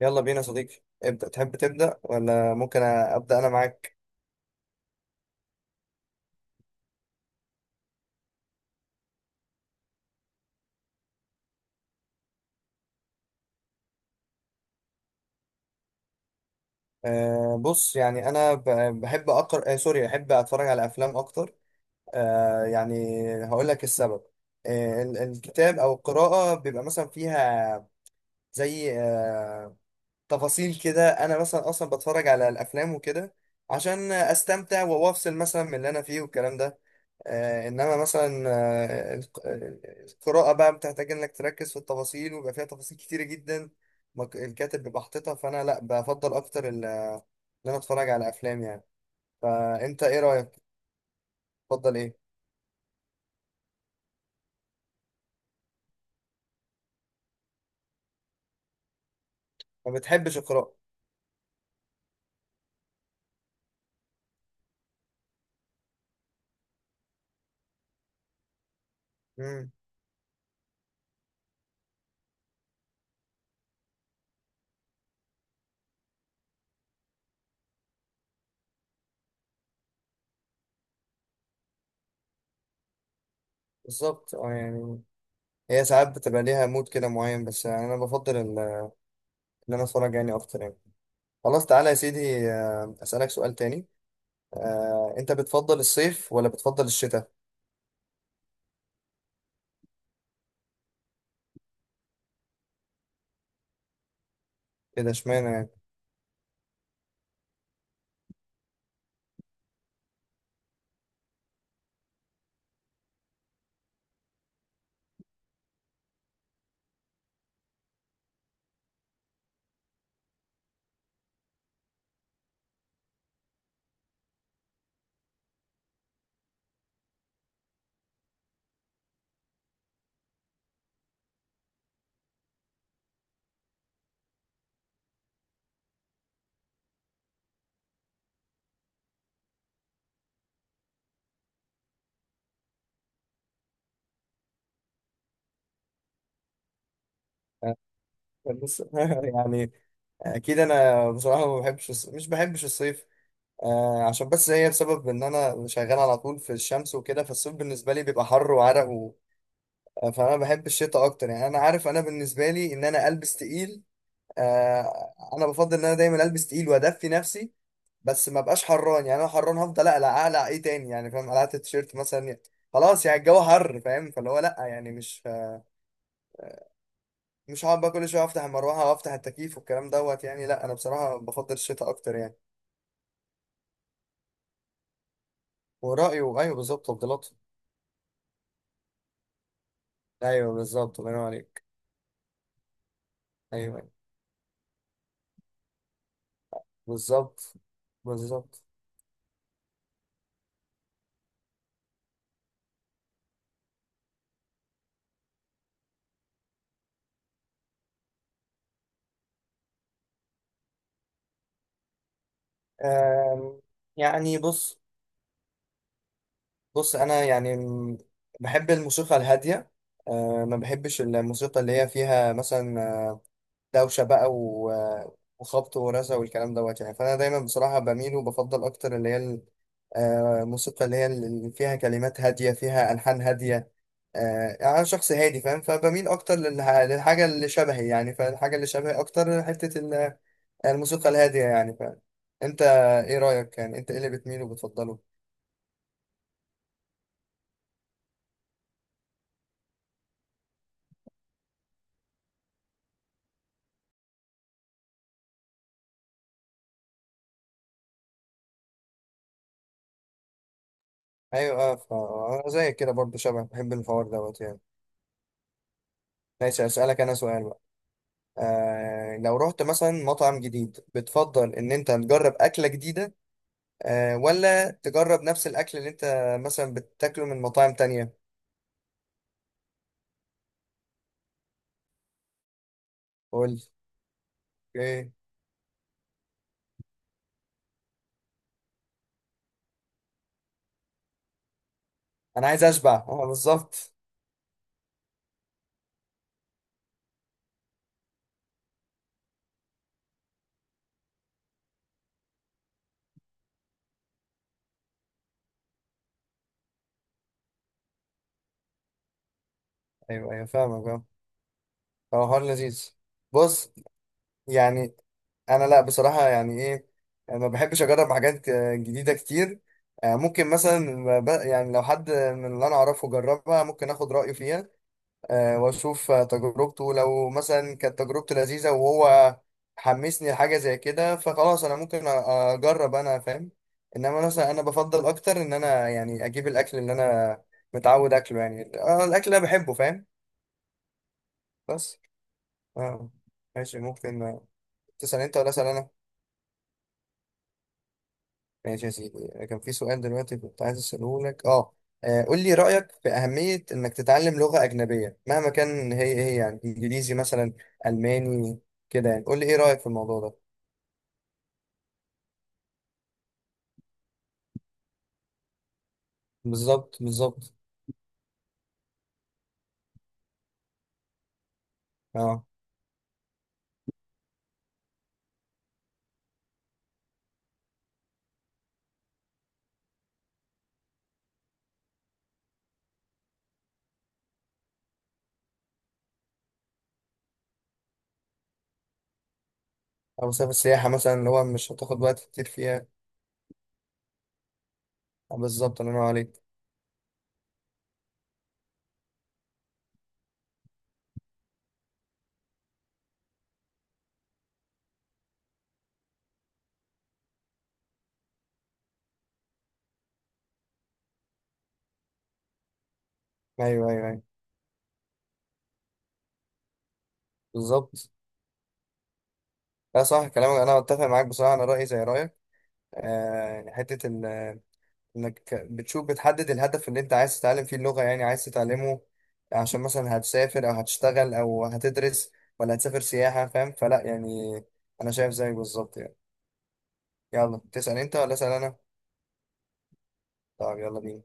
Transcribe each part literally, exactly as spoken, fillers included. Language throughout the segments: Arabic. يلا بينا يا صديقي. ابدأ، تحب تبدأ ولا ممكن أبدأ أنا معاك؟ أه بص، يعني أنا ب- بحب أقرأ، أه سوري بحب أتفرج على أفلام أكتر. أه يعني هقول لك السبب. أه ال- الكتاب أو القراءة بيبقى مثلا فيها زي آه، تفاصيل كده. انا مثلا اصلا بتفرج على الافلام وكده عشان استمتع وافصل مثلا من اللي انا فيه والكلام ده. آه انما مثلا آه الق- آه، القراءة بقى بتحتاج انك تركز في التفاصيل، ويبقى فيها تفاصيل كتيرة جدا مك- الكاتب بيبقى حاططها. فانا لا، بفضل اكتر ال- ان انا اتفرج على افلام يعني. فانت ايه رأيك؟ تفضل ايه؟ ما بتحبش القراءة؟ امم بالظبط، اه يعني هي ساعات بتبقى ليها مود كده معين، بس يعني انا بفضل ال- ان انا اتفرج يعني اكتر يعني. خلاص تعالى يا سيدي، آه، أسألك سؤال تاني. آه، أنت بتفضل الصيف ولا بتفضل الشتاء؟ كده اشمعنى يعني؟ آه، بص، يعني أكيد أنا بصراحة ما بحبش الص- مش بحبش الصيف. آه، عشان بس هي بسبب إن أنا شغال على طول في الشمس وكده، فالصيف بالنسبة لي بيبقى حر وعرق و... آه، فأنا بحب الشتاء أكتر. يعني أنا عارف أنا بالنسبة لي إن أنا ألبس تقيل. آه انا بفضل ان انا دايما البس تقيل وادفي نفسي، بس ما بقاش حران. يعني انا حران هفضل اقلع، اقلع ايه تاني يعني؟ فاهم، قلعت التيشيرت مثلا يعني خلاص. يعني الجو حر فاهم، فاللي هو لا يعني مش مش هقعد بقى كل شويه افتح المروحه وافتح التكييف والكلام دوت يعني. لا انا بصراحه بفضل الشتاء اكتر يعني. ورايه. ايوه بالظبط، تفضيلاته. ايوه بالظبط، الله ينور عليك. ايوه أيوة، بالظبط بالظبط. آم، يعني بص، بص انا يعني م- بحب الموسيقى الهاديه. أه ما بحبش الموسيقى اللي هي فيها مثلا آه، دوشه بقى و- آه، وخبط ورزع والكلام دوت يعني. فانا دايما بصراحه بميل وبفضل اكتر اللي هي ال- آه، الموسيقى اللي هي اللي فيها كلمات هاديه، فيها الحان هاديه. آه، يعني انا شخص هادي فاهم، فبميل اكتر للح- للحاجه اللي شبهي يعني، فالحاجه اللي شبهي اكتر حته ال- الموسيقى الهاديه يعني فاهم. انت ايه رايك يعني، انت ايه اللي بتميل وبتفضله؟ ايوه اه، فانا زي كده برضه شبه بحب الحوار دوت يعني. ماشي اسالك انا سؤال بقى. آه لو رحت مثلا مطعم جديد، بتفضل ان انت تجرب اكله جديده آه ولا تجرب نفس الاكل اللي انت مثلا بتاكله من مطاعم تانية؟ قول لي. ايه، انا عايز اشبع اه بالظبط. ايوه ايوه فاهمك اه. هو حوار لذيذ. بص، يعني انا لا بصراحه يعني ايه، انا ما بحبش اجرب حاجات آه، جديده كتير. آه، ممكن مثلا ب- يعني لو حد من اللي انا اعرفه جربها ممكن اخد رايه فيها. آه، واشوف آه، تجربته. لو مثلا كانت تجربته لذيذه وهو حمسني لحاجه زي كده، فخلاص انا ممكن أ- اجرب انا فاهم. انما مثلا انا بفضل اكتر ان انا يعني اجيب الاكل اللي انا متعود اكله يعني، آه، الاكل اللي انا بحبه فاهم. بس اه. ماشي، ممكن آه، تسال انت ولا اسال انا؟ ماشي يا سيدي، كان في سؤال دلوقتي كنت عايز أسأله لك اه. آه، قول لي رأيك في أهمية إنك تتعلم لغة أجنبية، مهما كان هي هي يعني إنجليزي مثلا، ألماني كده يعني. قول لي إيه رأيك في الموضوع ده. بالظبط بالظبط اه. أو مسافة السياحة مثلا اللي هو مش هتاخد وقت كتير فيها. آه، بالظبط، الله ينور عليك. أيوه أيوه أيوه. بالظبط. لا صح كلامك، أنا أتفق معاك بصراحة. أنا رأيي زي رأيك. آه يعني حتة ال، انك بتشوف بتحدد الهدف اللي انت عايز تتعلم فيه اللغة، يعني عايز تتعلمه عشان مثلا هتسافر او هتشتغل او هتدرس ولا هتسافر سياحة فاهم. فلا يعني انا شايف زيك بالظبط يعني. يلا تسأل انت ولا اسأل انا؟ طب يلا بينا.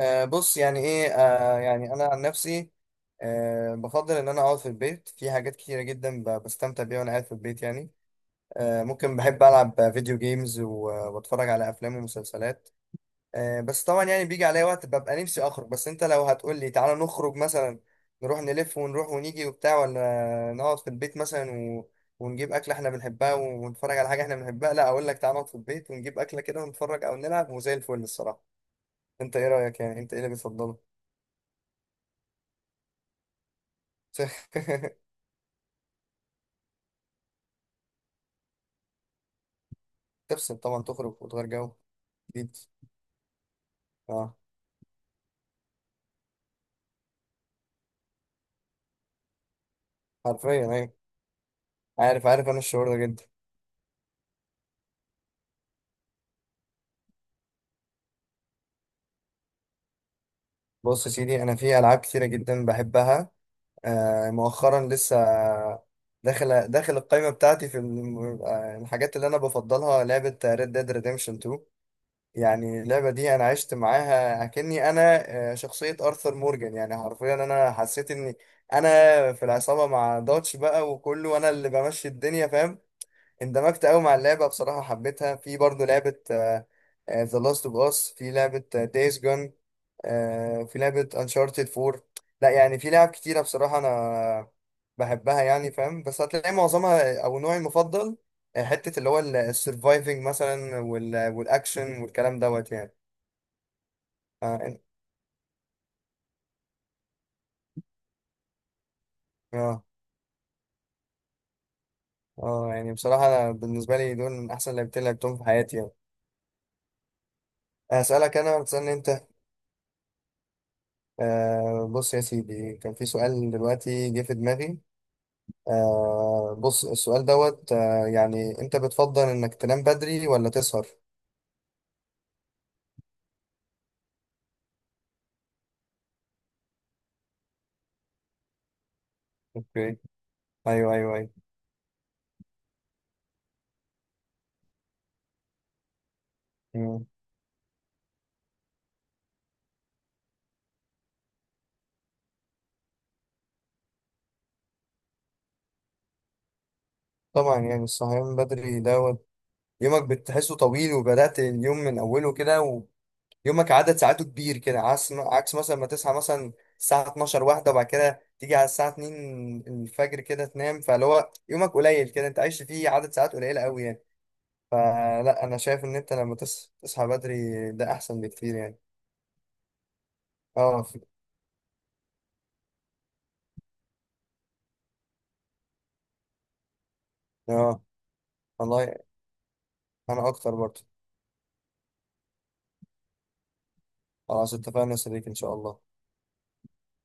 آه بص، يعني ايه، آه يعني انا عن نفسي آه بفضل ان انا اقعد في البيت. في حاجات كتيرة جدا ب- بستمتع بيها وانا قاعد في البيت يعني. آه ممكن، بحب العب فيديو جيمز واتفرج على افلام ومسلسلات. آه، بس طبعا يعني بيجي عليا وقت ببقى نفسي اخرج. بس انت لو هتقول لي تعالى نخرج مثلا، نروح نلف ونروح ونيجي وبتاع، ولا نقعد في البيت مثلا و... ونجيب اكله احنا بنحبها ونتفرج على حاجه احنا بنحبها، لا اقول لك تعالى نقعد في البيت ونجيب اكله كده ونتفرج او نلعب وزي الفل الصراحه. انت ايه رايك يعني، انت ايه اللي بتفضله؟ تفصل طبعا، تخرج وتغير جو جديد. اه حرفيا، ايوه. عارف عارف، انا الشعور ده جدا. بص يا سيدي، انا في العاب كتيره جدا بحبها. آه، مؤخرا لسه داخل داخل القائمة بتاعتي في الم- آه، الحاجات اللي أنا بفضلها لعبة Red Dead Redemption اتنين. يعني اللعبة دي أنا عشت معاها أكني أنا آه، شخصية أرثر مورجان. يعني حرفيا أنا حسيت إني أنا في العصابة مع دوتش بقى وكله وأنا اللي بمشي الدنيا فاهم. اندمجت أوي مع اللعبة بصراحة، حبيتها. في برضه لعبة آه، آه، The Last of Us، في لعبة آه، Days Gone، آه، في لعبة انشارتد اربعة. لا يعني في لعب كتيرة بصراحة انا بحبها يعني فاهم. بس هتلاقي معظمها او نوعي المفضل آه، حتة اللي هو السرفايفنج مثلا وال- والاكشن والكلام دوت يعني. اه إن- اه. آه، يعني بصراحة أنا بالنسبة لي دول من أحسن لعبتين لعبتهم في حياتي يعني. أسألك أنا وتسألني أنت. آه بص يا سيدي، كان في سؤال دلوقتي جه في دماغي. آه بص، السؤال دوت آه يعني، أنت بتفضل إنك تنام بدري ولا تسهر؟ اوكي. ايوه ايوه ايوه. مم. طبعا يعني الصحيان بدري دوت، يومك بتحسه طويل وبدأت اليوم من اوله كده، ويومك عدد ساعاته كبير كده، عكس عكس مثلا ما تصحى مثلا الساعة اتناشر واحدة، وبعد كده تيجي على الساعة اتنين الفجر كده تنام، فاللي هو يومك قليل كده انت عايش فيه، عدد ساعات قليلة قوي يعني. فلا انا شايف ان انت لما تص- تصحى بدري ده احسن بكتير يعني. اه اه. والله انا اكتر برضه. خلاص اتفقنا يا صديقي ان شاء الله.